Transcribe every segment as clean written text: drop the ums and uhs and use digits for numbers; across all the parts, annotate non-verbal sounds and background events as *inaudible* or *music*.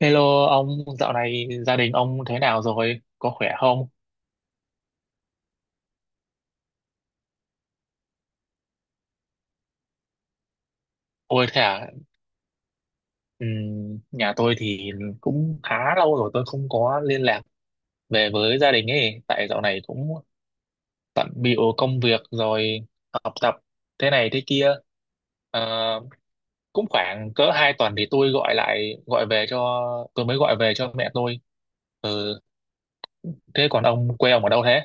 Hello ông, dạo này gia đình ông thế nào rồi? Có khỏe không? Ôi thế à, nhà tôi thì cũng khá lâu rồi tôi không có liên lạc về với gia đình ấy. Tại dạo này cũng bận bịu công việc rồi học tập thế này thế kia. Ờ, cũng khoảng cỡ 2 tuần thì tôi gọi lại, gọi về cho, tôi mới gọi về cho mẹ tôi. Ừ, thế còn ông, quê ông ở đâu thế?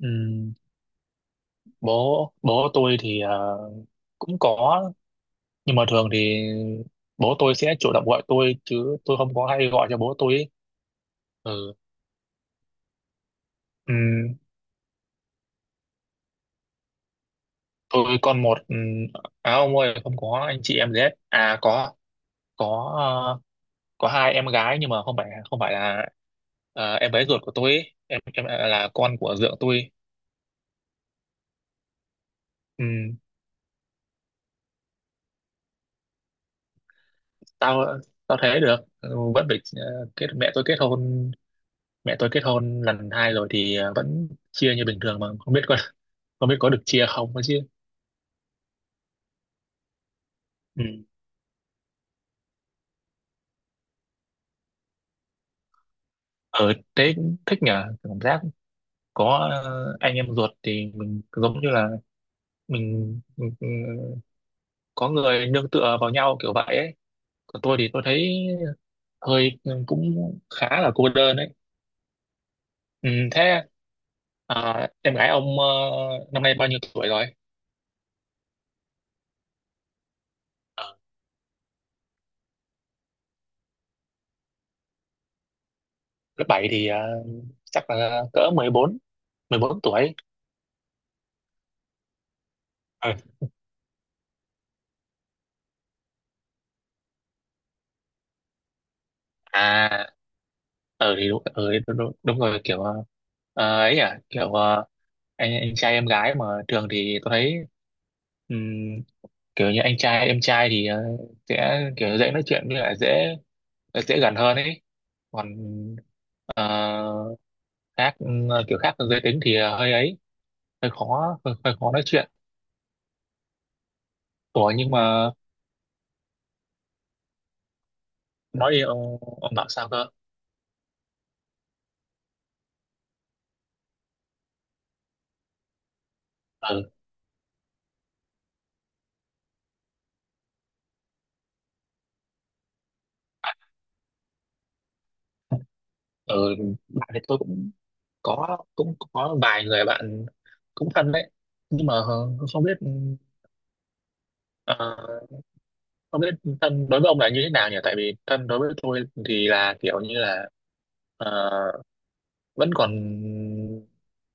Ừm, bố tôi thì cũng có, nhưng mà thường thì bố tôi sẽ chủ động gọi tôi chứ tôi không có hay gọi cho bố tôi ấy. Ừ. Ừm, tôi con một, à ông ơi, không có anh chị em gì hết à? Có ờ, có hai em gái, nhưng mà không phải là em bé ruột của tôi ấy. À, là con của dượng tôi. Ừm, tao Tao thế được. Ừ, vẫn phải ờ, kết mẹ tôi kết hôn lần 2 rồi thì vẫn chia như bình thường, mà không biết có *laughs* không biết có được chia không ấy chứ. Ở thế, thích nhờ, cảm giác có anh em ruột thì mình giống như là mình có người nương tựa vào nhau kiểu vậy ấy. Còn tôi thì tôi thấy hơi cũng khá là cô đơn ấy. Ừ, thế à, em gái ông năm nay bao nhiêu tuổi rồi? Ờ, lớp 7 thì chắc là cỡ 14, 14 tuổi. Ờ. À, thì đúng, đúng, đúng, đúng rồi kiểu, ấy à kiểu, anh trai em gái mà thường thì tôi thấy ừm, kiểu như anh trai em trai thì sẽ kiểu dễ nói chuyện, với lại dễ dễ gần hơn ấy. Còn ờ, khác, kiểu khác giới tính thì hơi ấy, hơi khó, hơi khó nói chuyện. Ủa nhưng mà nói đi ông bảo sao cơ? Ừ. Ừ. Bạn thì tôi cũng có vài người bạn cũng thân đấy, nhưng mà không biết. Ờ, Không biết thân đối với ông là như thế nào nhỉ? Tại vì thân đối với tôi thì là kiểu như là ờ, vẫn còn,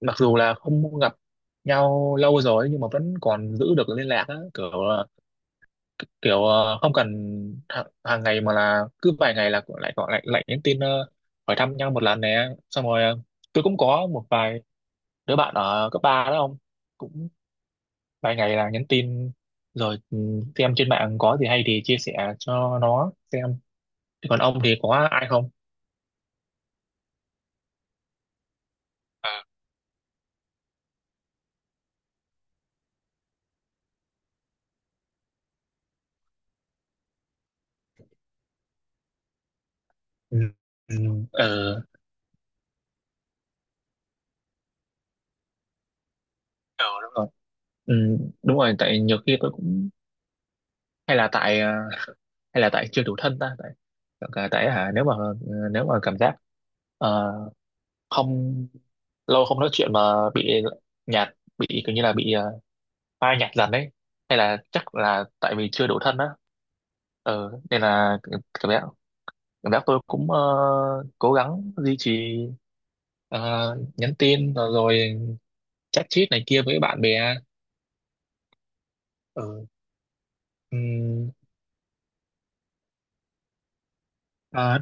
mặc dù là không gặp nhau lâu rồi nhưng mà vẫn còn giữ được liên lạc á, kiểu không cần hàng ngày, mà là cứ vài ngày là lại gọi, lại lại nhắn tin, hỏi thăm nhau một lần nè. Xong rồi tôi cũng có một vài đứa bạn ở cấp 3 đó không? Cũng vài ngày là nhắn tin rồi, xem trên mạng có gì hay thì chia sẻ cho nó xem. Thế còn ông thì có ai không? Ờ, ừ, ừ, ờ, ờ, đúng rồi. ừ, Đúng rồi, tại nhiều khi tôi cũng hay là tại, à, hay là tại chưa đủ thân ta, tại, tại tại, hả nếu mà, nếu mà cảm giác ờ, không lâu không nói chuyện mà bị nhạt, bị kiểu như là bị, phai nhạt dần đấy, hay là chắc là tại vì chưa đủ thân á. Nên là cảm giác, tôi cũng cố gắng duy trì, ờ, nhắn tin rồi chat chít này kia với bạn bè. Ừ. ừm, À,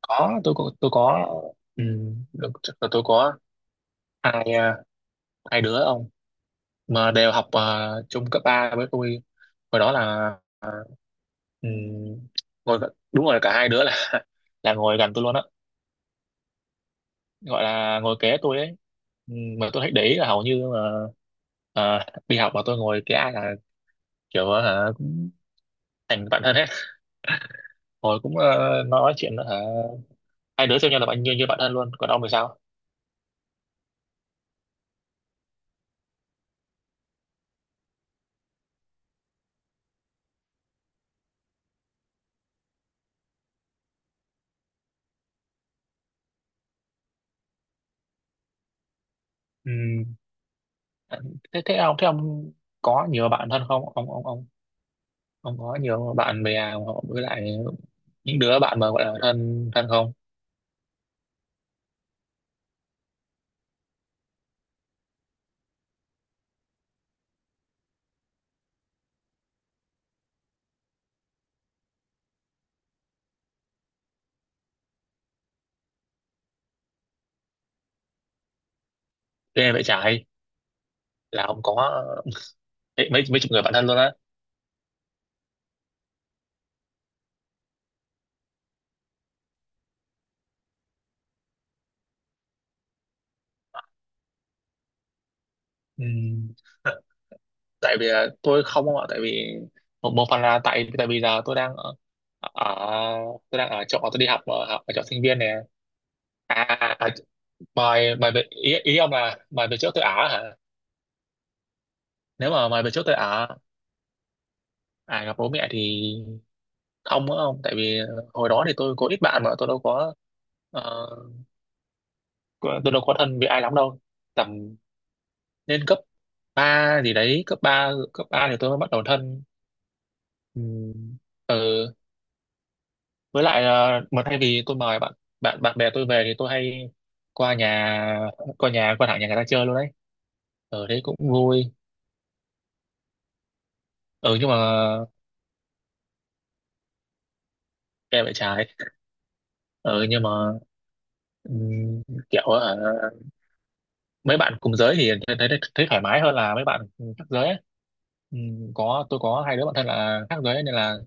có tôi có tôi có, được, chắc là tôi có hai, hai đứa ông, mà đều học chung cấp 3 với tôi. Hồi đó là, ừm, đúng rồi, cả hai đứa là *laughs* là ngồi gần tôi luôn á, gọi là ngồi kế tôi ấy. Mà tôi thấy để ý là hầu như mà ờ, đi học mà tôi ngồi kế ai là kiểu hả cũng thành bạn thân hết. Hồi cũng nói chuyện, hả hai đứa xem nhau là bạn, như như bạn thân luôn. Còn ông thì sao? Ừ. thế thế ông có nhiều bạn thân không ông? Ông có nhiều bạn bè, hoặc với lại những đứa bạn mà gọi là thân thân không? Ghê vậy trái, là ông có mấy mấy mấy chục người bạn thân luôn á. Ừ. *laughs* Tại vì là tôi không ông ạ, tại vì một phần là tại tại vì giờ ở tôi đang ở chỗ tôi đi học ở chỗ sinh viên nè. À, à, mày mày về, ý ông là mày về chỗ Tây Á hả? Nếu mà mày về chỗ Tây Á, à gặp bố mẹ thì ông, á ông tại vì hồi đó thì tôi có ít bạn mà tôi đâu có ờ, có- tôi đâu có thân với ai lắm đâu. Tầm lên cấp 3 gì đấy, cấp 3 thì tôi mới bắt đầu thân. Ừ. Ừ. Với lại mà thay vì tôi mời bạn bạn bạn bè tôi về thì tôi hay qua nhà qua thẳng nhà người ta chơi luôn đấy. Ở đấy cũng vui. Ừ, nhưng mà em lại trái, ừ nhưng mà Ừm, kiểu mấy bạn cùng giới thì thấy, thấy thoải mái hơn là mấy bạn khác giới ấy. Tôi có hai đứa bạn thân là khác giới, nên là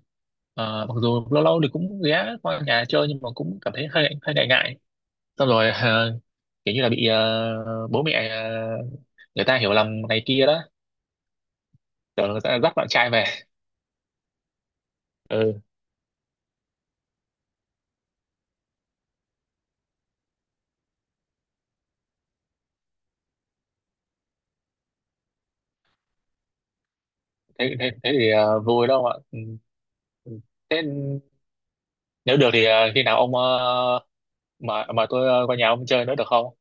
mặc dù lâu lâu thì cũng ghé qua nhà chơi nhưng mà cũng cảm thấy hơi hơi ngại ngại. Xong rồi kiểu như là bị bố mẹ, người ta hiểu lầm này kia đó, tưởng người ta dắt bạn trai về. Ừ thế, thế thì vui đâu ạ. Ừ. Ừ. Thế nếu được thì khi nào ông, mà tôi qua nhà ông chơi nữa được không?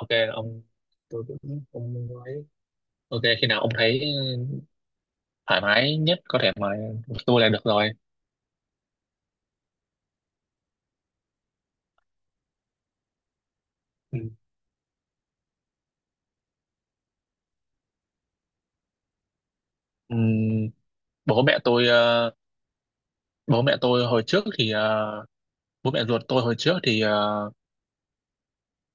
OK ông, tôi cũng, ông nói OK khi nào ông thấy thoải mái nhất có thể mà, tôi là được rồi. Ừ. Ừm, bố mẹ tôi ờ, Bố mẹ tôi hồi trước thì bố mẹ ruột tôi hồi trước thì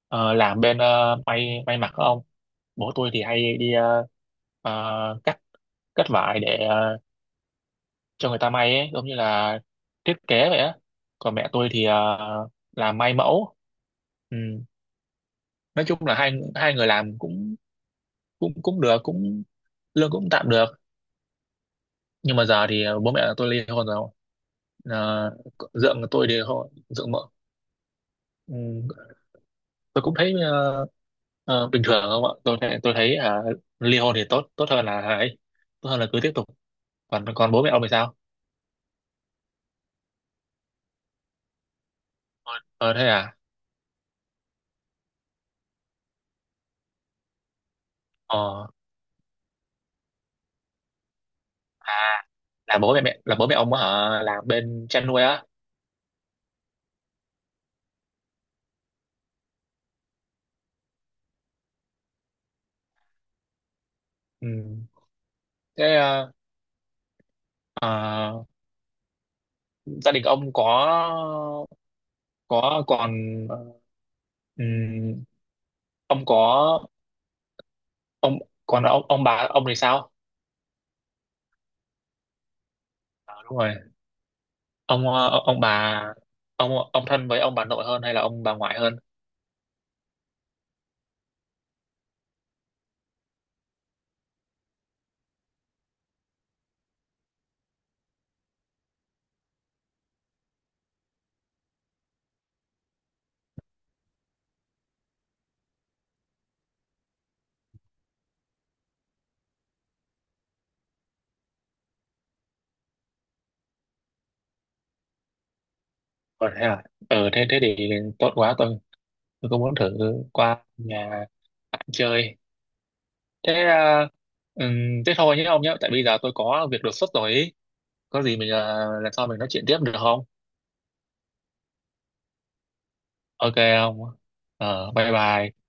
ờ, làm bên, may mặc không? Bố tôi thì hay đi cắt cắt vải để cho người ta may ấy, giống như là thiết kế vậy á. Còn mẹ tôi thì làm may mẫu. Ừ. Nói chung là hai hai người làm cũng, cũng cũng được, cũng lương cũng tạm được. Nhưng mà giờ thì bố mẹ tôi ly hôn rồi. À, dượng tôi thì họ dượng mợ. ừm, tôi cũng thấy bình thường không ạ. Tôi thấy, à, ly hôn thì tốt tốt hơn là ấy, tốt hơn là cứ tiếp tục. Còn Còn bố mẹ ông thì sao? Ờ thế à? Ờ à, là bố mẹ mẹ là bố mẹ ông ở làm bên chăn nuôi á? Ừ. Thế ờ, gia đình ông có, có còn ờ, ừm, ông có ông còn ông bà ông thì sao? Ờ, đúng rồi. ông ờ, ông bà ông thân với ông bà nội hơn hay là ông bà ngoại hơn? Còn thế à. Ừ, thế thế thì tốt quá, tôi cũng muốn thử qua nhà bạn chơi. thế ờ, Thế thôi nhé ông nhé, tại bây giờ tôi có việc đột xuất rồi ý. Có gì mình, lần sau mình nói chuyện tiếp được không? OK không, bye bye.